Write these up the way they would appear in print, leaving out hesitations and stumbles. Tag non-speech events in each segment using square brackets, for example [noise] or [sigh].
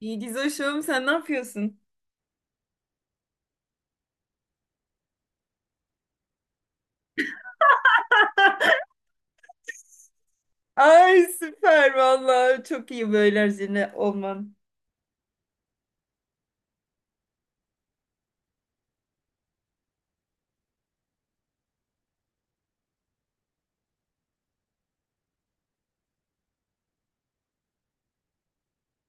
İyi Gizoş'um sen ne yapıyorsun? Ay süper vallahi çok iyi böyle Erzine olman.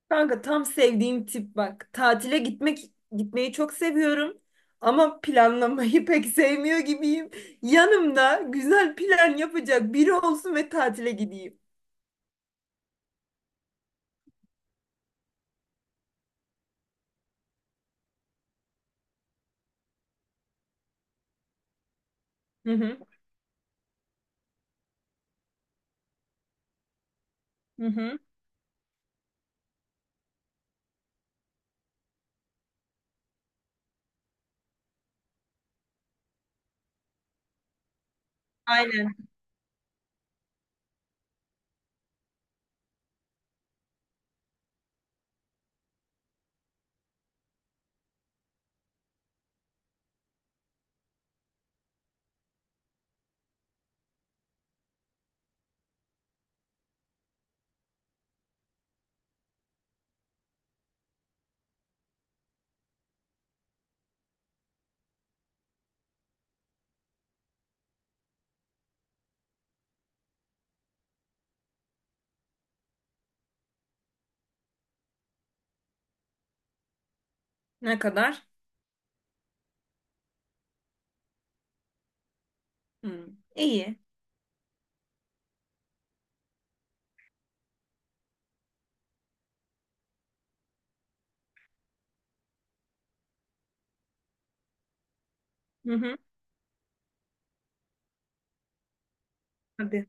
Kanka tam sevdiğim tip bak. Tatile gitmek gitmeyi çok seviyorum ama planlamayı [laughs] pek sevmiyor gibiyim. Yanımda güzel plan yapacak biri olsun ve tatile gideyim. Hı hı. Hı hı. Aynen. Ne kadar? Hı. İyi. Hı hı. Hadi.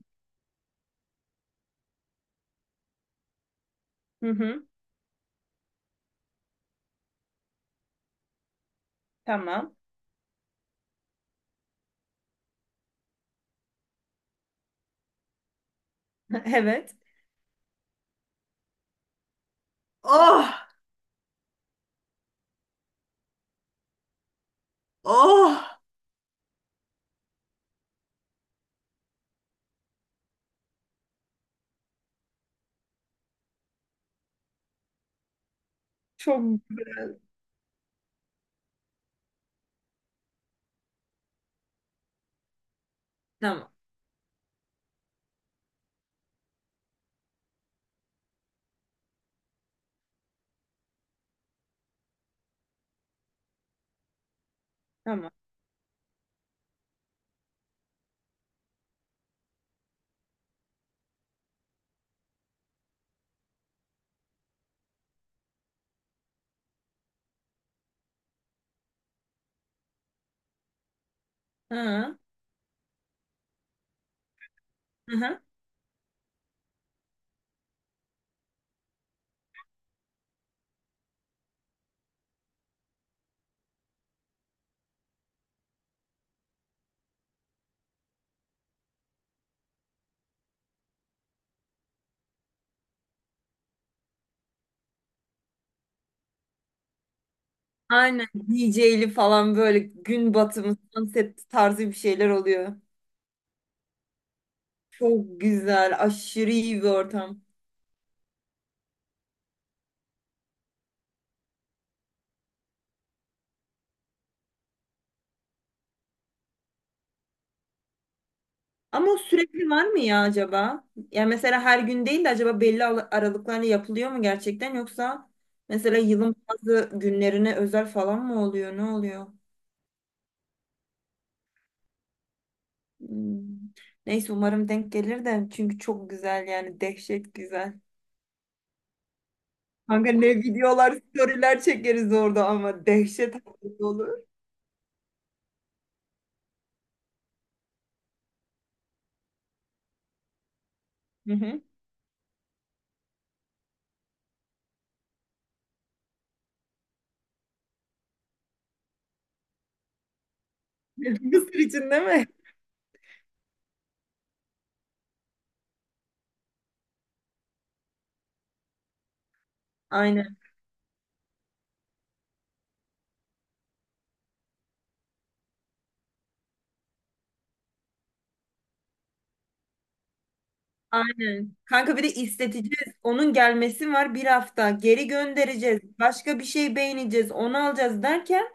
Hı hı. Tamam. [laughs] Evet. Oh! Oh! Çok güzel. Tamam. Tamam. Hı. Hı hı. Aynen DJ'li falan böyle gün batımı, sunset tarzı bir şeyler oluyor. Çok güzel, aşırı iyi bir ortam. Ama o sürekli var mı ya acaba? Yani mesela her gün değil de acaba belli aralıklarla yapılıyor mu gerçekten yoksa mesela yılın bazı günlerine özel falan mı oluyor? Ne oluyor? Hmm. Neyse umarım denk gelir de çünkü çok güzel yani dehşet güzel. Kanka ne videolar, storyler çekeriz orada ama dehşet olur. Hı hı. [laughs] Mısır için değil mi? Aynen, aynen. kanka bir de isteteceğiz. Onun gelmesi var bir hafta. Geri göndereceğiz. Başka bir şey beğeneceğiz. Onu alacağız derken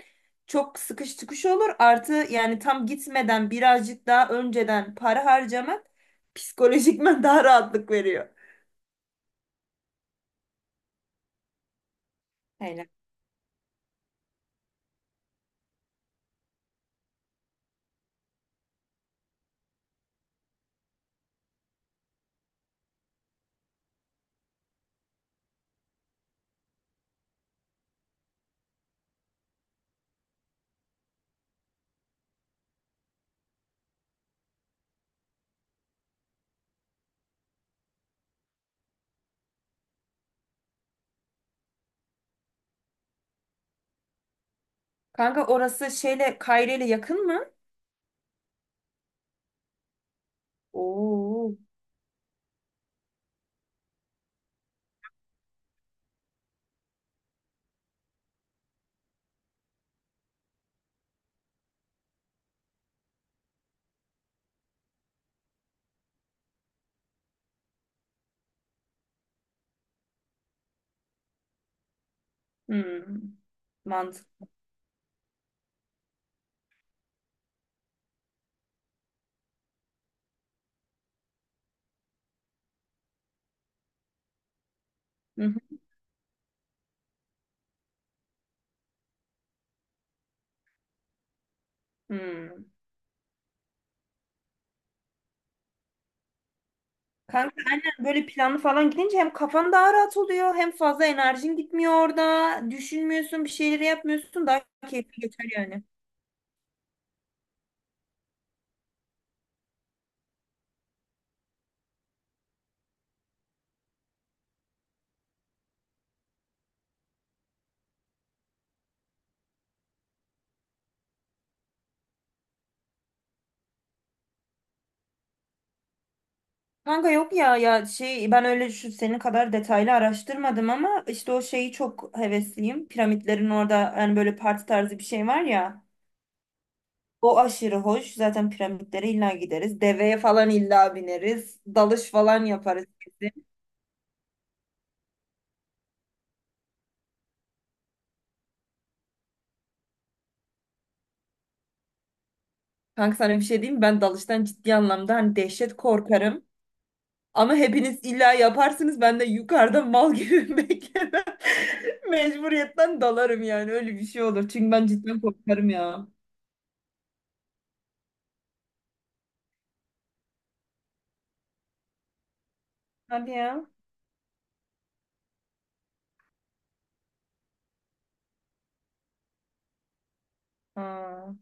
çok sıkış tıkış olur. Artı yani tam gitmeden birazcık daha önceden para harcamak psikolojikmen daha rahatlık veriyor. Aynen. Kanka orası şeyle Kayre ile yakın mı? Oo. Hmm. Mantıklı. Hı hı. Hmm. Kanka aynen böyle planlı falan gidince hem kafan daha rahat oluyor hem fazla enerjin gitmiyor orada. Düşünmüyorsun bir şeyleri yapmıyorsun daha keyifli geçer yani. Kanka yok ya ya şey ben öyle şu senin kadar detaylı araştırmadım ama işte o şeyi çok hevesliyim. Piramitlerin orada yani böyle parti tarzı bir şey var ya. O aşırı hoş. Zaten piramitlere illa gideriz. Deveye falan illa bineriz. Dalış falan yaparız. Kesin. Kanka sana bir şey diyeyim mi? Ben dalıştan ciddi anlamda hani dehşet korkarım. Ama hepiniz illa yaparsınız. Ben de yukarıda mal gibi [laughs] beklemem. Mecburiyetten dalarım yani. Öyle bir şey olur. Çünkü ben cidden korkarım ya. Hadi ya. Ha.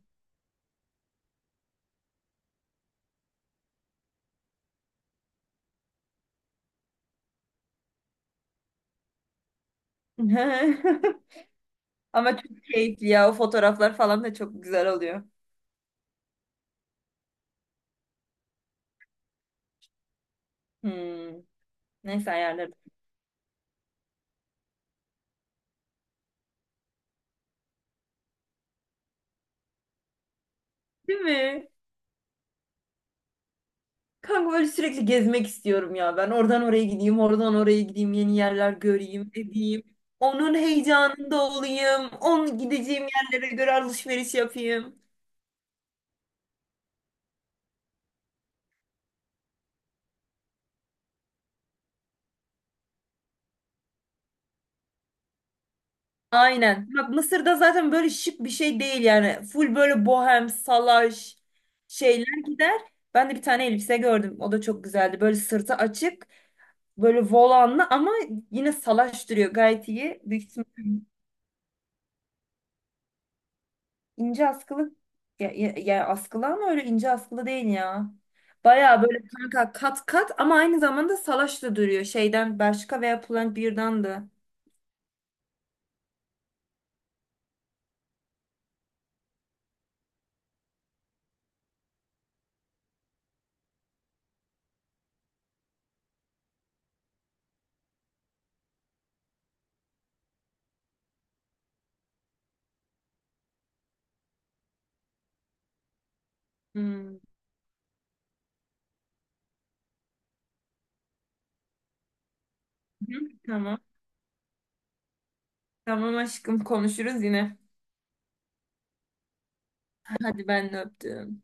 [laughs] Ama çok keyifli ya. O fotoğraflar falan da çok güzel oluyor. Hmm. Neyse ayarlarım. Değil mi? Kanka böyle sürekli gezmek istiyorum ya. Ben oradan oraya gideyim, oradan oraya gideyim, yeni yerler göreyim, edeyim. Onun heyecanında olayım. Onun gideceğim yerlere göre alışveriş yapayım. Aynen. Bak Mısır'da zaten böyle şık bir şey değil yani. Full böyle bohem, salaş şeyler gider. Ben de bir tane elbise gördüm. O da çok güzeldi. Böyle sırtı açık, böyle volanlı ama yine salaş duruyor. Gayet iyi. Büyük ihtimal ince askılı. Ya, askılı ama öyle ince askılı değil ya. Baya böyle kanka kat kat ama aynı zamanda salaş da duruyor. Şeyden Bershka veya Pull&Bear'dan da. Hmm. Hı, tamam. Tamam aşkım konuşuruz yine. Hadi ben de öptüm.